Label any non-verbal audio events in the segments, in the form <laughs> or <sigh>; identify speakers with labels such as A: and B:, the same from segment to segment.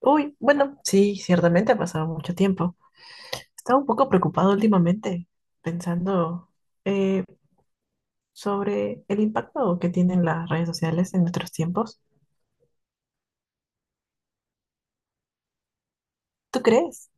A: Uy, bueno, sí, ciertamente ha pasado mucho tiempo. Estaba un poco preocupado últimamente, pensando eh, sobre el impacto que tienen las redes sociales en nuestros tiempos. ¿Tú crees?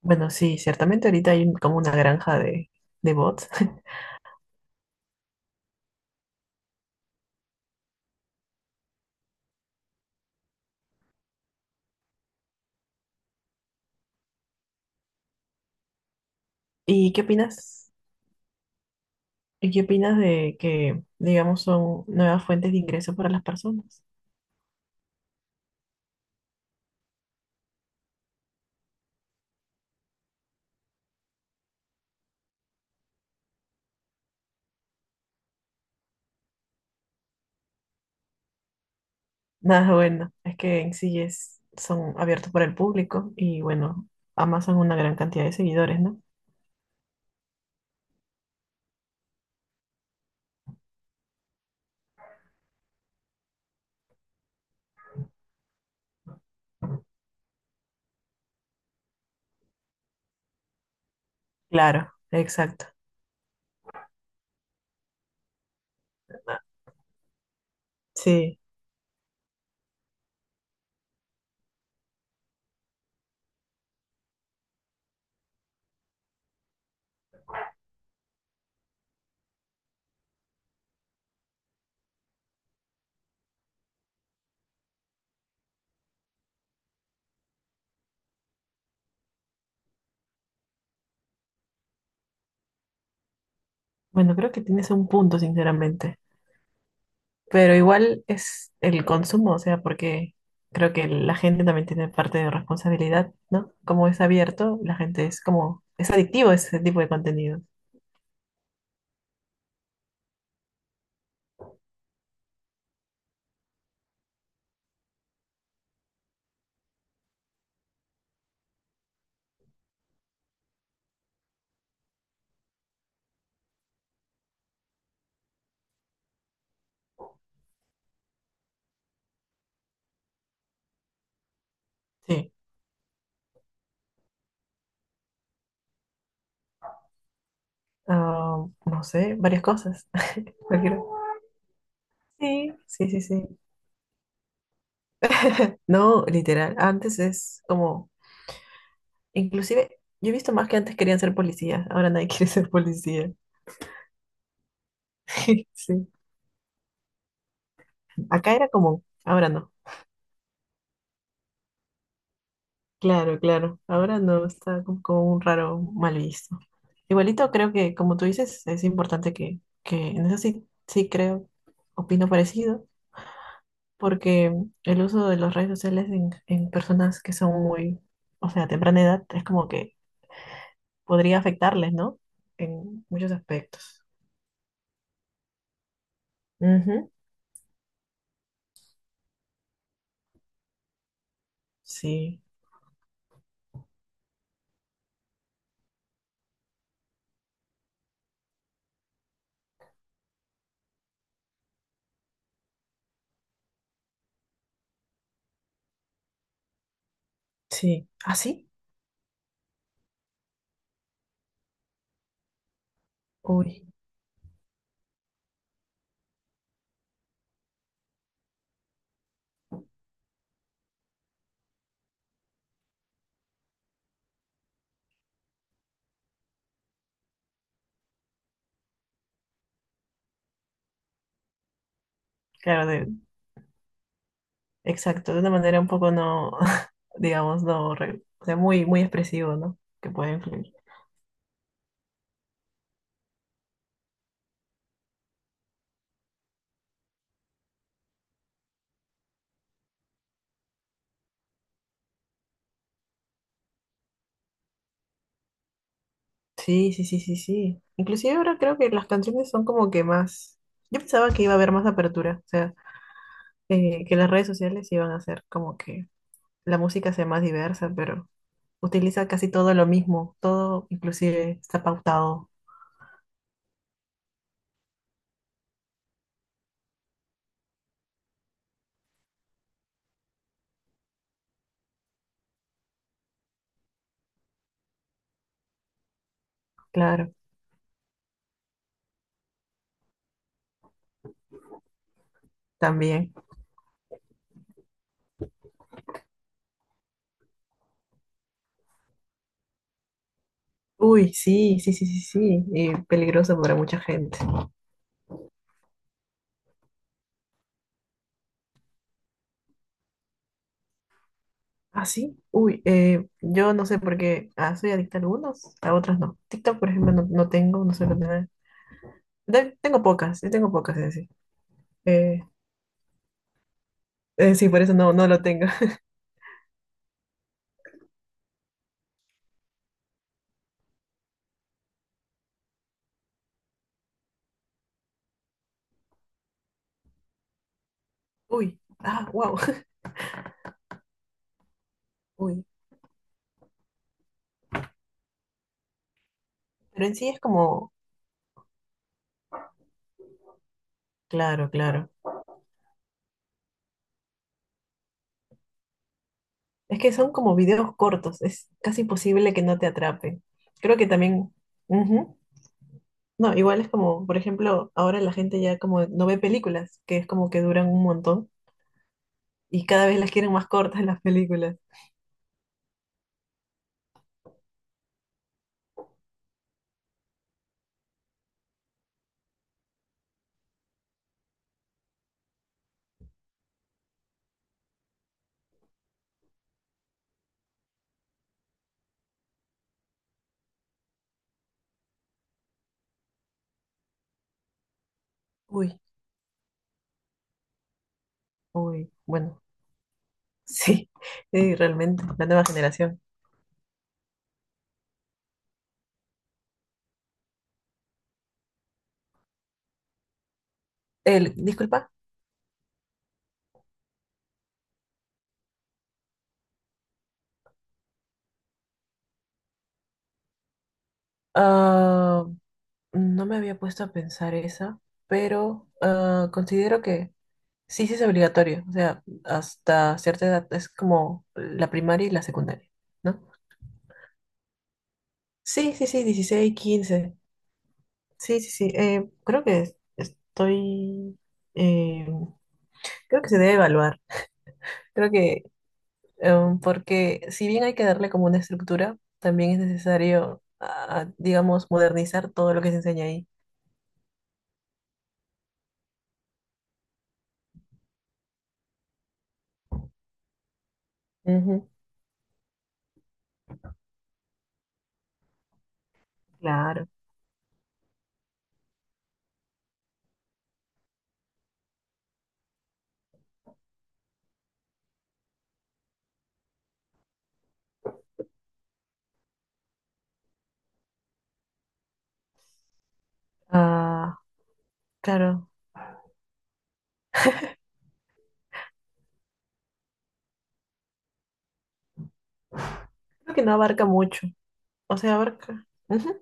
A: Bueno, sí, ciertamente ahorita hay como una granja de bots. <laughs> ¿Y qué opinas? ¿Y qué opinas de que, digamos, son nuevas fuentes de ingreso para las personas? Nada bueno, es que en sí es, son abiertos para el público y bueno, amasan una gran cantidad de seguidores, ¿no? Claro, exacto. Sí, bueno, creo que tienes un punto, sinceramente. Pero igual es el consumo, o sea, porque creo que la gente también tiene parte de responsabilidad, ¿no? Como es abierto, la gente es como, es adictivo ese tipo de contenido. Sí. Ah, no sé, varias cosas. <laughs> Cualquier- Sí, sí, sí, sí. No, literal. Antes es como, inclusive, yo he visto más que antes querían ser policías, ahora nadie <laughs> quiere ser policía. <laughs> Sí. Acá era como, ahora no. Claro, claro. Ahora no, está como, como un raro mal visto. Igualito creo que, como tú dices, es importante que en eso sí, sí creo, opino parecido, porque el uso de las redes sociales en personas que son muy, o sea, a temprana edad, es como que podría afectarles, ¿no? En muchos aspectos. Ujú, sí, sí. ¿Ah, sí? Uy, claro, de, exacto, de una manera un poco no, <laughs> digamos, no, re- o sea, muy, muy expresivo, ¿no? Que puede influir. Sí, sí, sí, sí, sí. Inclusive ahora creo que las canciones son como que más... Yo pensaba que iba a haber más apertura, o sea, que las redes sociales iban a hacer como que la música sea más diversa, pero utiliza casi todo lo mismo, todo inclusive está pautado, claro, también. Uy, sí, sí, sí, sí, sí, y peligroso para mucha gente. Ah, sí, uy, yo no sé por qué, ah, soy adicta a algunos, a otros no. TikTok, por ejemplo, no, no tengo, no suelo tener. De- Tengo pocas, yo tengo pocas, es decir. Sí, por eso no, no lo tengo. <laughs> Uy, ah, wow. <laughs> Uy, pero en sí es como, claro, claro. Es que son como videos cortos, es casi imposible que no te atrapen. Creo que también, ujú. No, igual es como, por ejemplo, ahora la gente ya como no ve películas, que es como que duran un montón y cada vez las quieren más cortas <laughs> las películas. Uy, uy, bueno, sí, <laughs> sí, realmente, la nueva generación. El, disculpa, ah, no me había puesto a pensar esa, pero ah, considero que sí, sí es obligatorio. O sea, hasta cierta edad es como la primaria y la secundaria, ¿no? Sí, sí, sí, 16 15. Sí, sí, sí. Creo que es- estoy... eh, creo que se debe evaluar. Creo que porque si bien hay que darle como una estructura, también es necesario, ah, digamos, modernizar todo lo que se enseña ahí. Ujú, claro. Ah, claro. Creo que no abarca mucho. O sea, abarca. Ujú.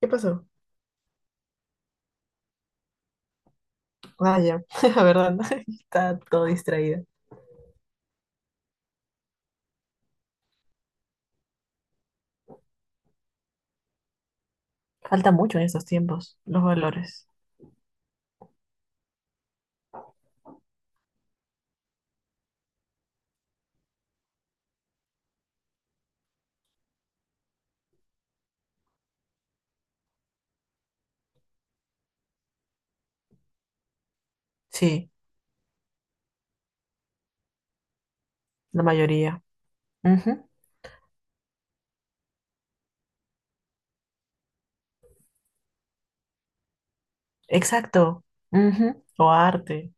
A: ¿Qué pasó? Ah, ya. <laughs> La verdad, ¿no? <laughs> Está todo distraída. Falta mucho en estos tiempos, los valores. Sí, la mayoría. Ujú. Exacto. Ujú. O arte,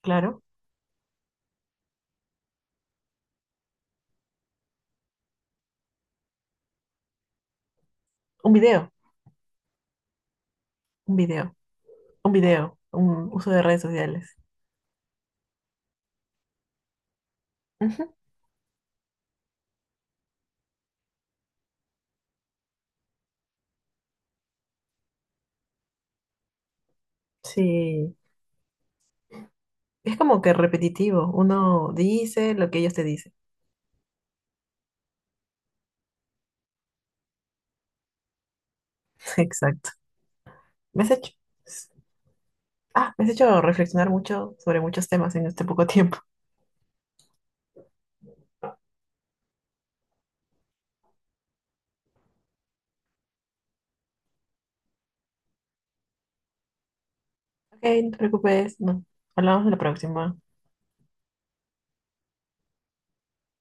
A: claro. Un video, un video, un video, un uso de redes sociales. Ujú. Sí, es como que repetitivo. Uno dice lo que ellos te dicen. <laughs> Exacto. ¿Me has hecho? Ah, me has hecho reflexionar mucho sobre muchos temas en este poco tiempo. Ok, no te preocupes, no. Hablamos en la próxima.